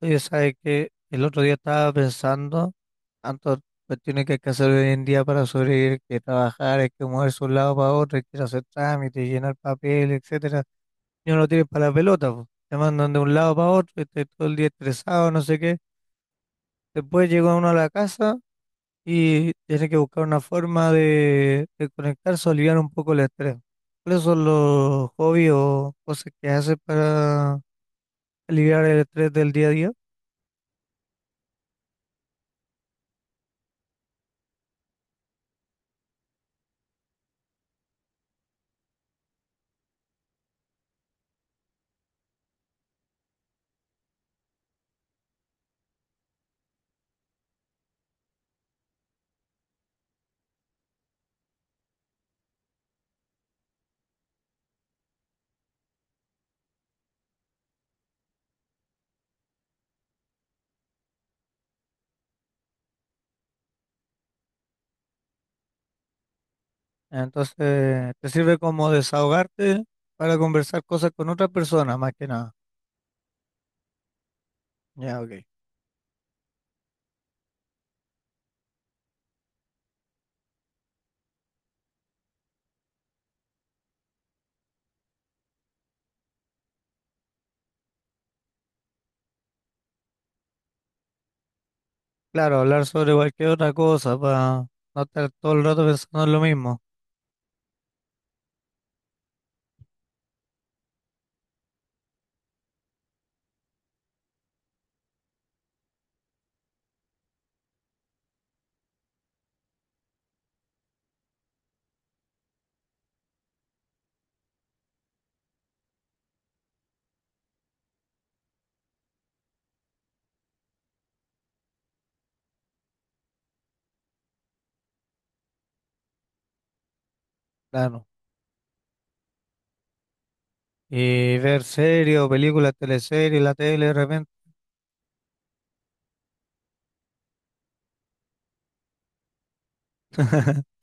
Oye, sabe que el otro día estaba pensando, tantas cuestiones que hay que hacer hoy en día para sobrevivir, que trabajar, hay que moverse de un lado para otro, hay que ir a hacer trámites, llenar papel, etcétera. Y uno lo tiene para la pelota, po. Te mandan de un lado para otro, y estás todo el día estresado, no sé qué. Después llega uno a la casa y tiene que buscar una forma de conectarse o aliviar un poco el estrés. ¿Cuáles son los hobbies o cosas que haces para aliviar el estrés del día a día? Entonces, te sirve como desahogarte para conversar cosas con otra persona, más que nada. Ya, ok. Claro, hablar sobre cualquier otra cosa, para no estar todo el rato pensando en lo mismo. Claro. Y ver series o películas, teleseries, la tele de repente.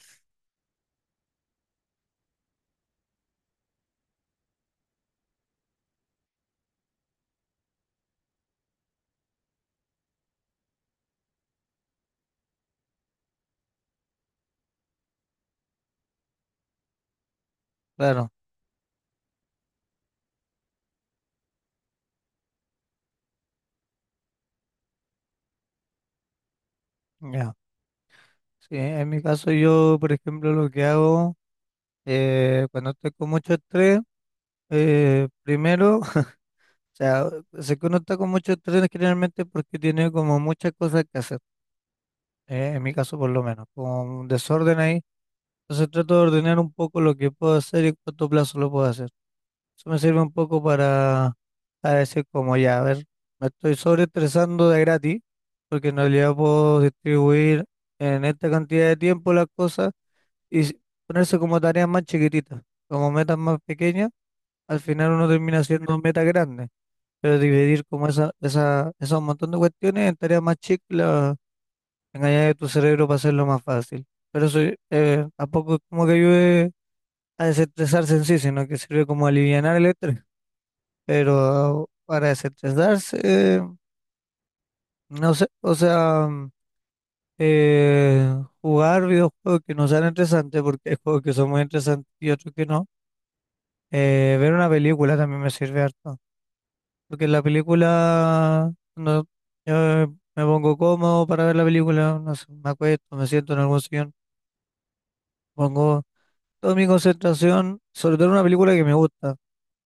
Claro, ya. Sí, en mi caso yo, por ejemplo, lo que hago cuando estoy con mucho estrés, primero, o sea, sé que uno está con mucho estrés generalmente porque tiene como muchas cosas que hacer. En mi caso por lo menos, con un desorden ahí. Entonces trato de ordenar un poco lo que puedo hacer y en cuánto plazo lo puedo hacer. Eso me sirve un poco para decir como ya, a ver, me estoy sobreestresando de gratis, porque en realidad puedo distribuir en esta cantidad de tiempo las cosas y ponerse como tareas más chiquititas, como metas más pequeñas, al final uno termina haciendo metas grandes, pero dividir como esos montón de cuestiones en tareas más chicas. Engañar a tu cerebro para hacerlo más fácil. Pero eso tampoco es como que ayude a desestresarse en sí, sino que sirve como alivianar el estrés. Pero para desestresarse, eh, no sé, o sea, jugar videojuegos que no sean interesantes porque hay juegos que son muy interesantes y otros que no. Ver una película también me sirve harto. Porque la película, no, yo me pongo cómodo para ver la película, no sé, me acuesto, me siento en algún sillón, pongo toda mi concentración, sobre todo en una película que me gusta.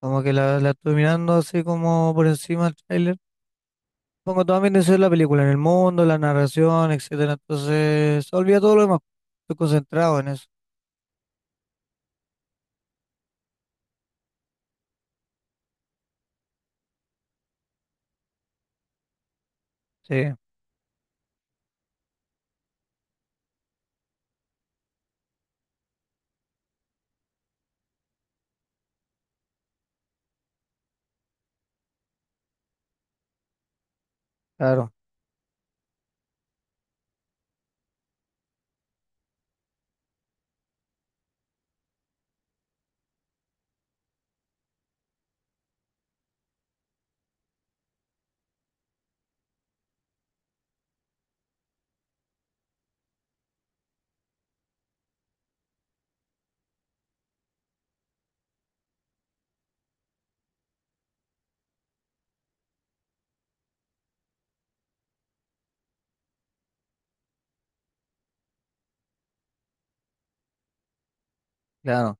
Como que la estoy mirando así como por encima del tráiler. Pongo toda mi atención en la película, en el mundo, la narración, etcétera. Entonces, se olvida todo lo demás. Estoy concentrado en eso. Sí, claro, claro.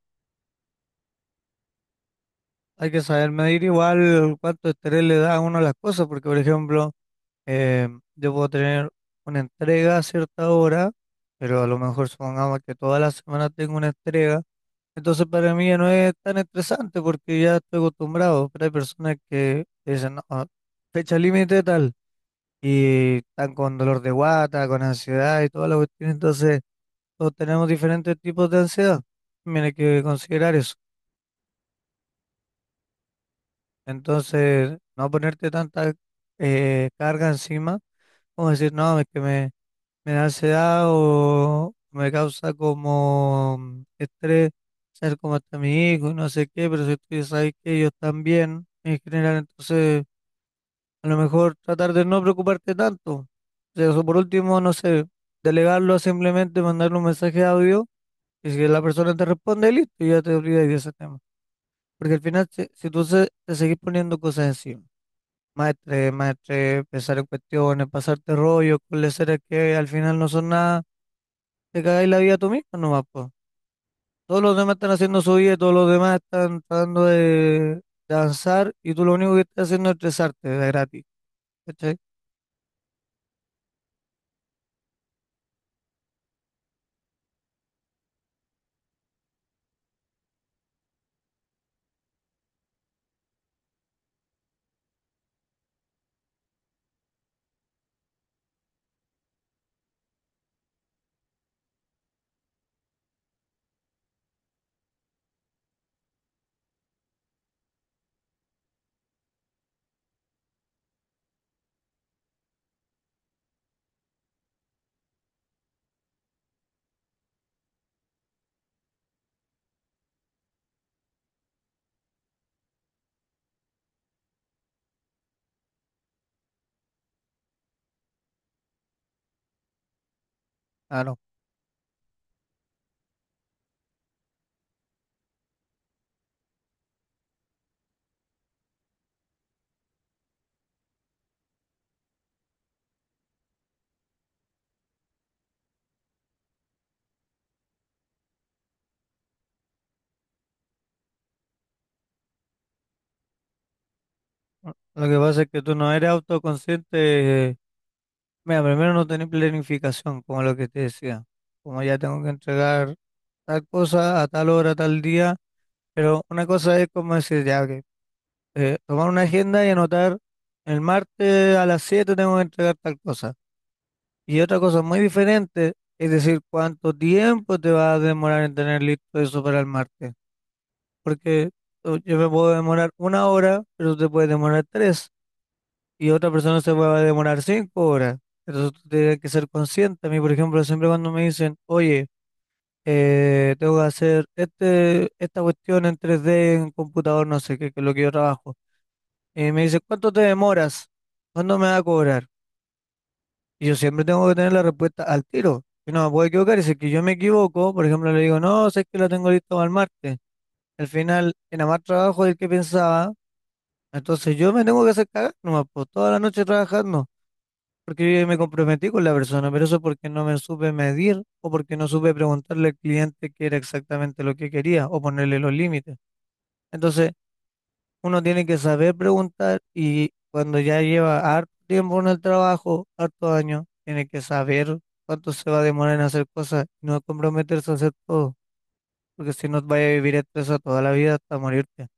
Hay que saber medir igual cuánto estrés le da a uno a las cosas, porque por ejemplo, eh, yo puedo tener una entrega a cierta hora, pero a lo mejor supongamos que toda la semana tengo una entrega. Entonces para mí ya no es tan estresante porque ya estoy acostumbrado, pero hay personas que dicen, no, ah, fecha límite tal, y están con dolor de guata, con ansiedad y toda la cuestión, entonces todos tenemos diferentes tipos de ansiedad, también hay que considerar eso. Entonces, no ponerte tanta carga encima, como decir, no, es que me... Me da ansiedad o me causa como estrés ser como está mi hijo y no sé qué, pero si tú ya sabes que ellos están bien en general, entonces a lo mejor tratar de no preocuparte tanto. O sea, eso por último, no sé, delegarlo a simplemente mandarle un mensaje de audio y si la persona te responde, listo, ya te olvidas de ese tema. Porque al final, si tú te seguís poniendo cosas encima, maestre maestre pensar en cuestiones, pasarte rollos con leseras que al final no son nada, te cagáis la vida tú mismo nomás, po. Todos los demás están haciendo su vida, todos los demás están tratando de danzar, y tú lo único que estás haciendo es estresarte de gratis, ¿cachai? Ah, no. Lo que pasa es que tú no eres autoconsciente. Mira, primero no tenés planificación, como lo que te decía. Como ya tengo que entregar tal cosa a tal hora, tal día. Pero una cosa es como decir, ya, que tomar una agenda y anotar el martes a las 7 tengo que entregar tal cosa. Y otra cosa muy diferente es decir cuánto tiempo te va a demorar en tener listo eso para el martes. Porque yo me puedo demorar 1 hora, pero te puede demorar tres. Y otra persona se va a demorar 5 horas. Entonces tú tienes que ser consciente. A mí, por ejemplo, siempre cuando me dicen, oye, tengo que hacer esta cuestión en 3D en computador, no sé qué, que es lo que yo trabajo. Y me dicen, ¿cuánto te demoras? ¿Cuándo me va a cobrar? Y yo siempre tengo que tener la respuesta al tiro. Yo no me puedo equivocar. Y si es que yo me equivoco, por ejemplo, le digo, no, sé que lo tengo listo para el martes. Al final, era más trabajo del que pensaba. Entonces yo me tengo que hacer cagar nomás, pues, toda la noche trabajando. Porque yo me comprometí con la persona, pero eso porque no me supe medir o porque no supe preguntarle al cliente qué era exactamente lo que quería o ponerle los límites. Entonces, uno tiene que saber preguntar y cuando ya lleva harto tiempo en el trabajo, harto años, tiene que saber cuánto se va a demorar en hacer cosas y no comprometerse a hacer todo, porque si no vaya a vivir estresado toda la vida hasta morirte.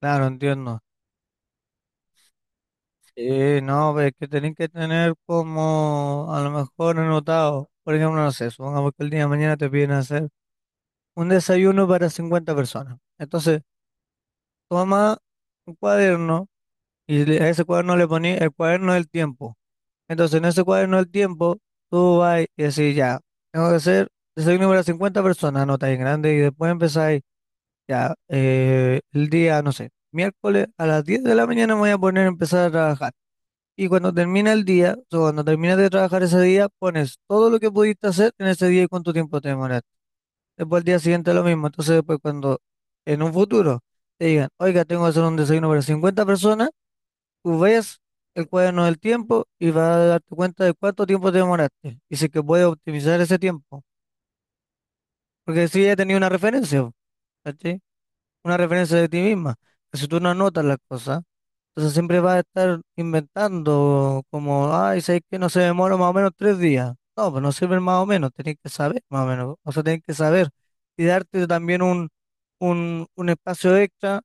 Claro, entiendo. Sí, no, pero es que tenés que tener como a lo mejor anotado, por ejemplo, no sé, supongamos que el día de mañana te piden hacer un desayuno para 50 personas. Entonces, toma un cuaderno y a ese cuaderno le poní el cuaderno del tiempo. Entonces, en ese cuaderno del tiempo, tú vas y decís, ya, tengo que hacer, soy número 50 personas, anota en grande, y después empezáis, ya, el día, no sé, miércoles a las 10 de la mañana me voy a poner a empezar a trabajar. Y cuando termina el día, o sea, cuando terminas de trabajar ese día, pones todo lo que pudiste hacer en ese día y cuánto tiempo te demoraste. Después al día siguiente lo mismo. Entonces, después cuando en un futuro te digan, oiga, tengo que hacer un desayuno para 50 personas, tú ves el cuaderno del tiempo y vas a darte cuenta de cuánto tiempo te demoraste. Y si es que puedes optimizar ese tiempo. Porque si ya tenías una referencia, po, ¿cachai? Una referencia de ti misma, que si tú no anotas las cosas, entonces siempre vas a estar inventando como, ay, sabes que no se demora más o menos 3 días. No, pues no sirve más o menos, tenés que saber más o menos. O sea, tenés que saber y darte también un espacio extra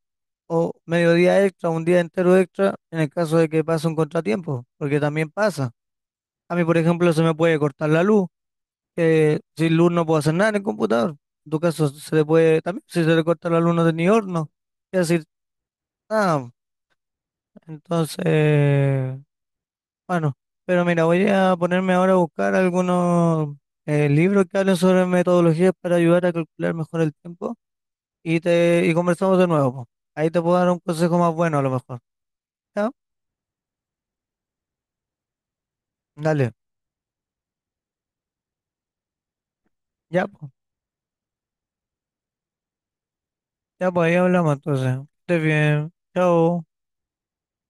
o mediodía extra, un día entero extra en el caso de que pase un contratiempo, porque también pasa. A mí, por ejemplo, se me puede cortar la luz, que sin luz no puedo hacer nada en el computador. En tu caso, se le puede, también, si se le corta la luz, no tenía horno. Y decir, ah. Entonces, bueno. Pero mira, voy a ponerme ahora a buscar algunos libros que hablen sobre metodologías para ayudar a calcular mejor el tiempo. Y y conversamos de nuevo, po. Ahí te puedo dar un consejo más bueno, a lo mejor. ¿Ya? Dale. Ya, pues. Ya, pues, ahí hablamos entonces. Que estés bien. Chao.